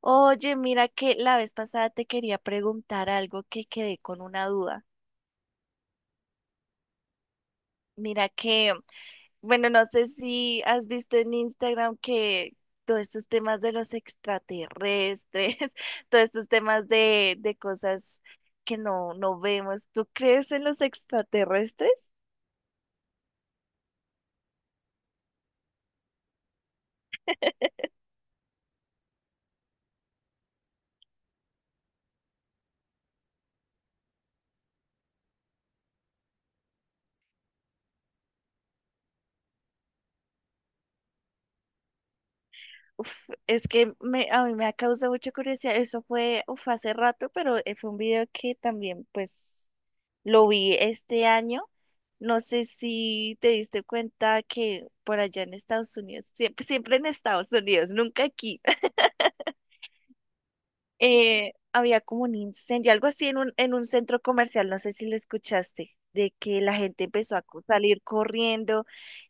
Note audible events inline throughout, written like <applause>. Oye, mira que la vez pasada te quería preguntar algo que quedé con una duda. Mira que, bueno, no sé si has visto en Instagram que todos estos temas de los extraterrestres, <laughs> todos estos temas de cosas que no vemos. ¿Tú crees en los extraterrestres? Uf, es que me, a mí me ha causado mucha curiosidad. Eso fue, uf, hace rato, pero fue un video que también, pues... Lo vi este año. No sé si te diste cuenta que por allá en Estados Unidos, siempre, siempre en Estados Unidos, nunca aquí, <laughs> había como un incendio, algo así en en un centro comercial, no sé si lo escuchaste, de que la gente empezó a salir corriendo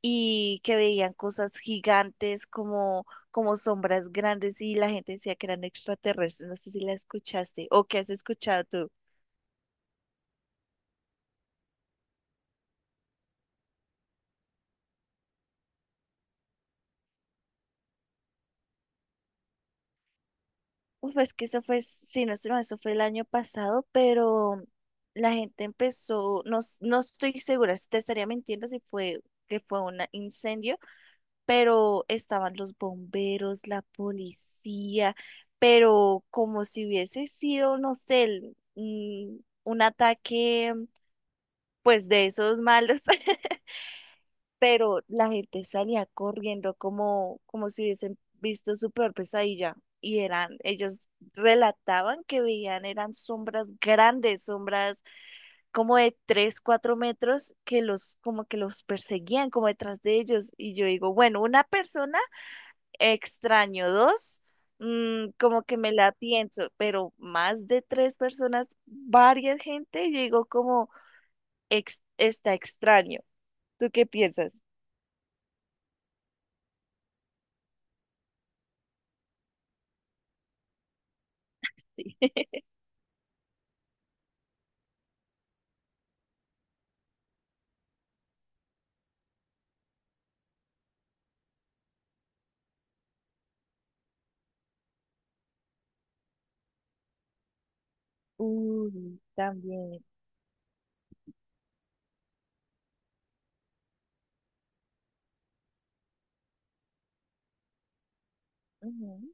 y que veían cosas gigantes como, como sombras grandes y la gente decía que eran extraterrestres, no sé si la escuchaste o qué has escuchado tú. Uf, es que eso fue, sí, no estoy mal, eso fue el año pasado, pero la gente empezó, no, no estoy segura, te estaría mintiendo si fue que fue un incendio, pero estaban los bomberos, la policía, pero como si hubiese sido, no sé, un ataque, pues de esos malos. <laughs> Pero la gente salía corriendo como, como si hubiesen visto su peor pesadilla. Y eran, ellos relataban que veían, eran sombras grandes, sombras como de 3 4 metros, que los, como que los perseguían como detrás de ellos. Y yo digo, bueno, una persona extraño, dos, mm, como que me la pienso, pero más de tres personas, varias gente, yo digo como está extraño. ¿Tú qué piensas? Sí. Uy, también. Ujú.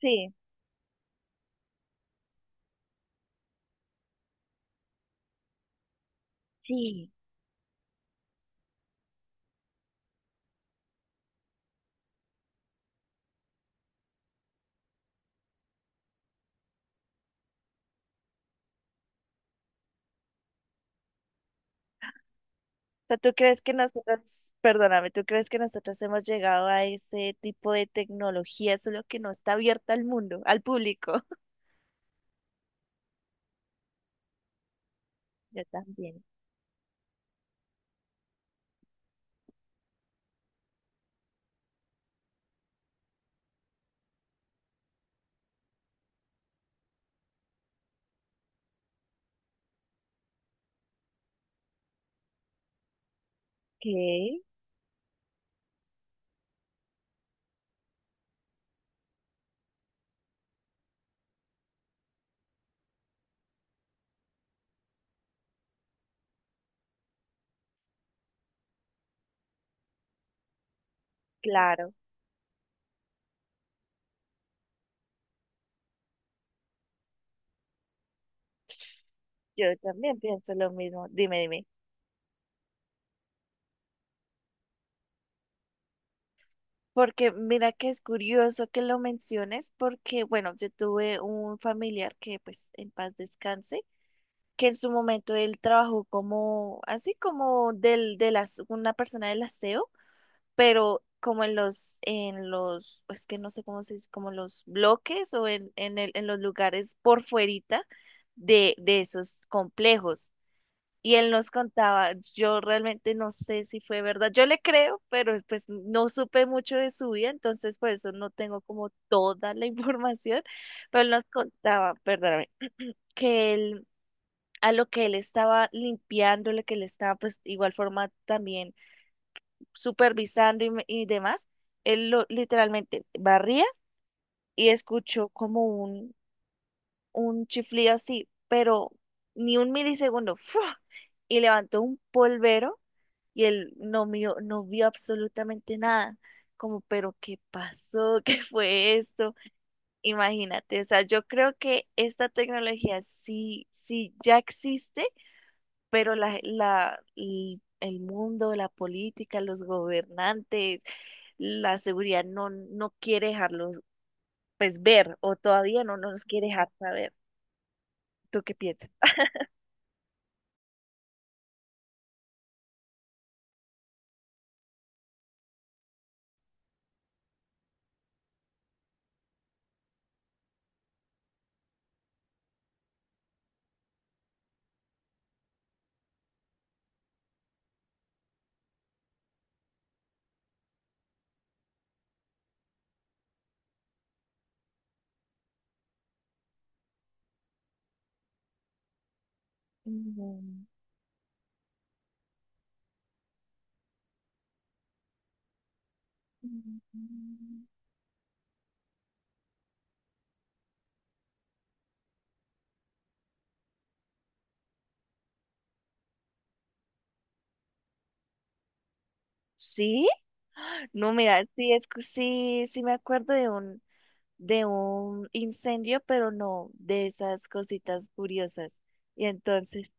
Sí, sí, o sea, ¿tú crees que nosotros, perdóname, ¿tú crees que nosotros hemos llegado a ese tipo de tecnología, solo que no está abierta al mundo, al público? <laughs> Yo también. ¿Qué? Claro, yo también pienso lo mismo. Dime, dime. Porque mira que es curioso que lo menciones, porque bueno, yo tuve un familiar que pues en paz descanse, que en su momento él trabajó como, así como del, de las, una persona del aseo pero como en en los, es que no sé cómo se dice, como en los bloques o en el, en los lugares por fuerita de esos complejos. Y él nos contaba, yo realmente no sé si fue verdad, yo le creo, pero pues no supe mucho de su vida, entonces por eso no tengo como toda la <laughs> información, pero él nos contaba, perdóname, que él, a lo que él estaba limpiando, lo que él estaba pues igual forma también supervisando y demás, él lo, literalmente barría y escuchó como un chiflido así, pero ni un milisegundo, ¡fua! Y levantó un polvero y él no vio, no vio absolutamente nada. Como, pero ¿qué pasó? <laughs> ¿Qué fue esto? Imagínate, o sea, yo creo que esta tecnología sí, sí ya existe pero el mundo, la política, los gobernantes, la seguridad no, no quiere dejarlos pues ver o todavía no nos quiere dejar saber. ¿Tú qué piensas? Mm, mm, sí, no, mira, sí, es, que sí, sí me acuerdo de un incendio, pero no de esas cositas curiosas. Y entonces,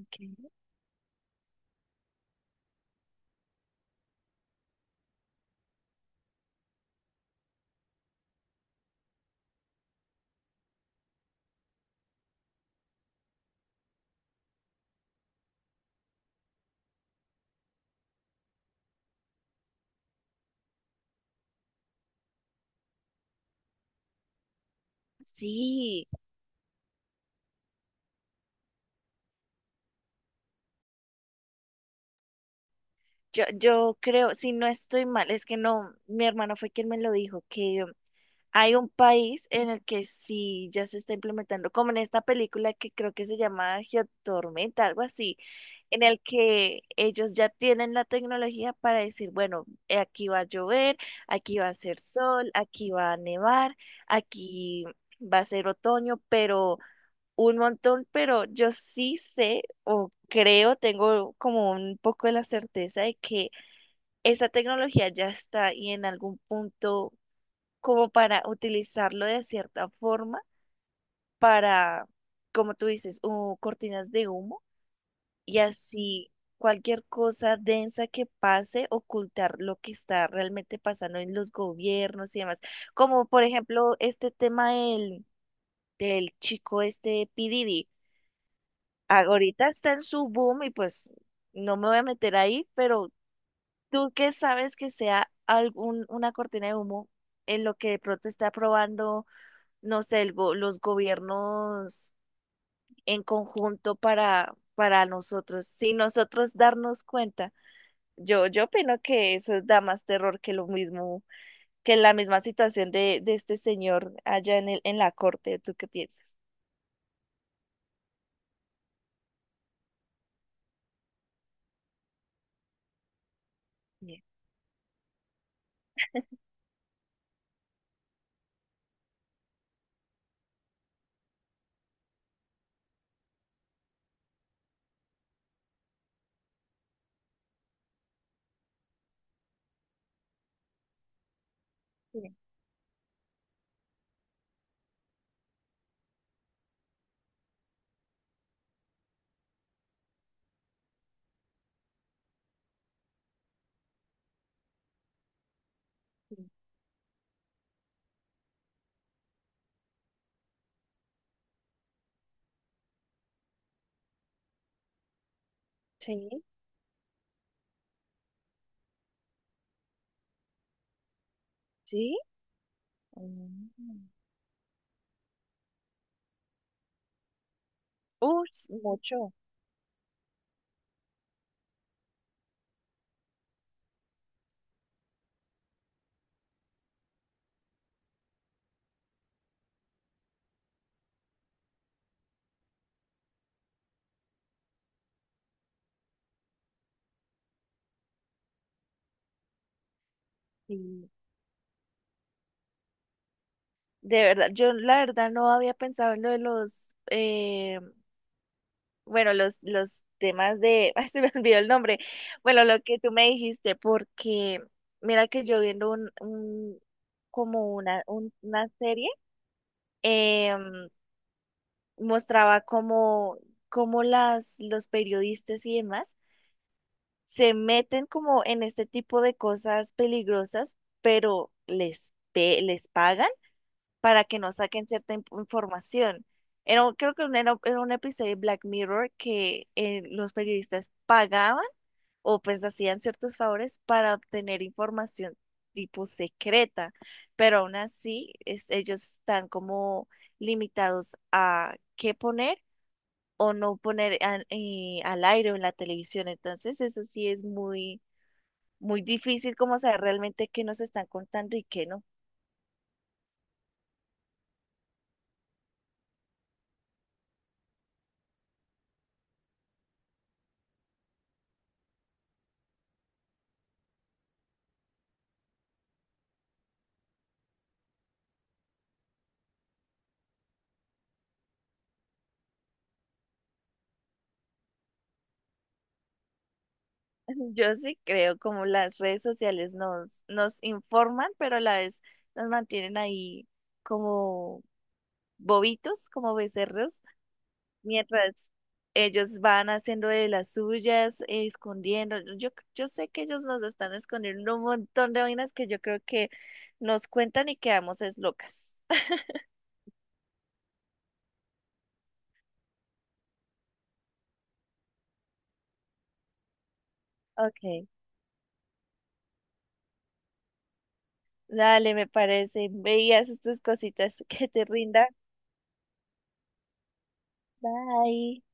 ok, sí. Yo creo, si no estoy mal, es que no, mi hermano fue quien me lo dijo, que hay un país en el que sí ya se está implementando, como en esta película que creo que se llama Geotormenta, algo así, en el que ellos ya tienen la tecnología para decir, bueno, aquí va a llover, aquí va a hacer sol, aquí va a nevar, aquí va a ser otoño, pero un montón, pero yo sí sé o creo, tengo como un poco de la certeza de que esa tecnología ya está y en algún punto como para utilizarlo de cierta forma para, como tú dices, cortinas de humo y así cualquier cosa densa que pase, ocultar lo que está realmente pasando en los gobiernos y demás. Como por ejemplo este tema del, del chico este P. Diddy. Ahorita está en su boom y pues no me voy a meter ahí, pero ¿tú qué sabes que sea algún, una cortina de humo en lo que de pronto está aprobando, no sé, los gobiernos en conjunto para nosotros, sin nosotros darnos cuenta? Yo opino que eso da más terror que lo mismo, que la misma situación de este señor allá en el, en la corte. ¿Tú qué piensas? Sí, sí, sí, sí, mm. Uy, mucho. Sí, de verdad, yo la verdad no había pensado en lo de los, bueno, los temas de, <laughs> ay, se me olvidó el nombre, bueno, lo que tú me dijiste, porque mira que yo viendo como una serie, eh, mostraba como, como las, los periodistas y demás se meten como en este tipo de cosas peligrosas, pero les, les pagan para que no saquen cierta información. Era, creo que era, era un episodio de Black Mirror que los periodistas pagaban o pues hacían ciertos favores para obtener información tipo secreta, pero aún así ellos están como limitados a qué poner o no poner al al aire o en la televisión. Entonces eso sí es muy, muy difícil como saber realmente qué nos están contando y qué no. <laughs> Yo sí creo como las redes sociales nos informan, pero a la vez nos mantienen ahí como bobitos, como becerros, mientras ellos van haciendo de las suyas, escondiendo. Yo sé que ellos nos están escondiendo un montón de vainas que yo creo que nos cuentan y quedamos es locas. <laughs> Ok, dale, me parece. Veías estas cositas <laughs> que te rindan. Bye.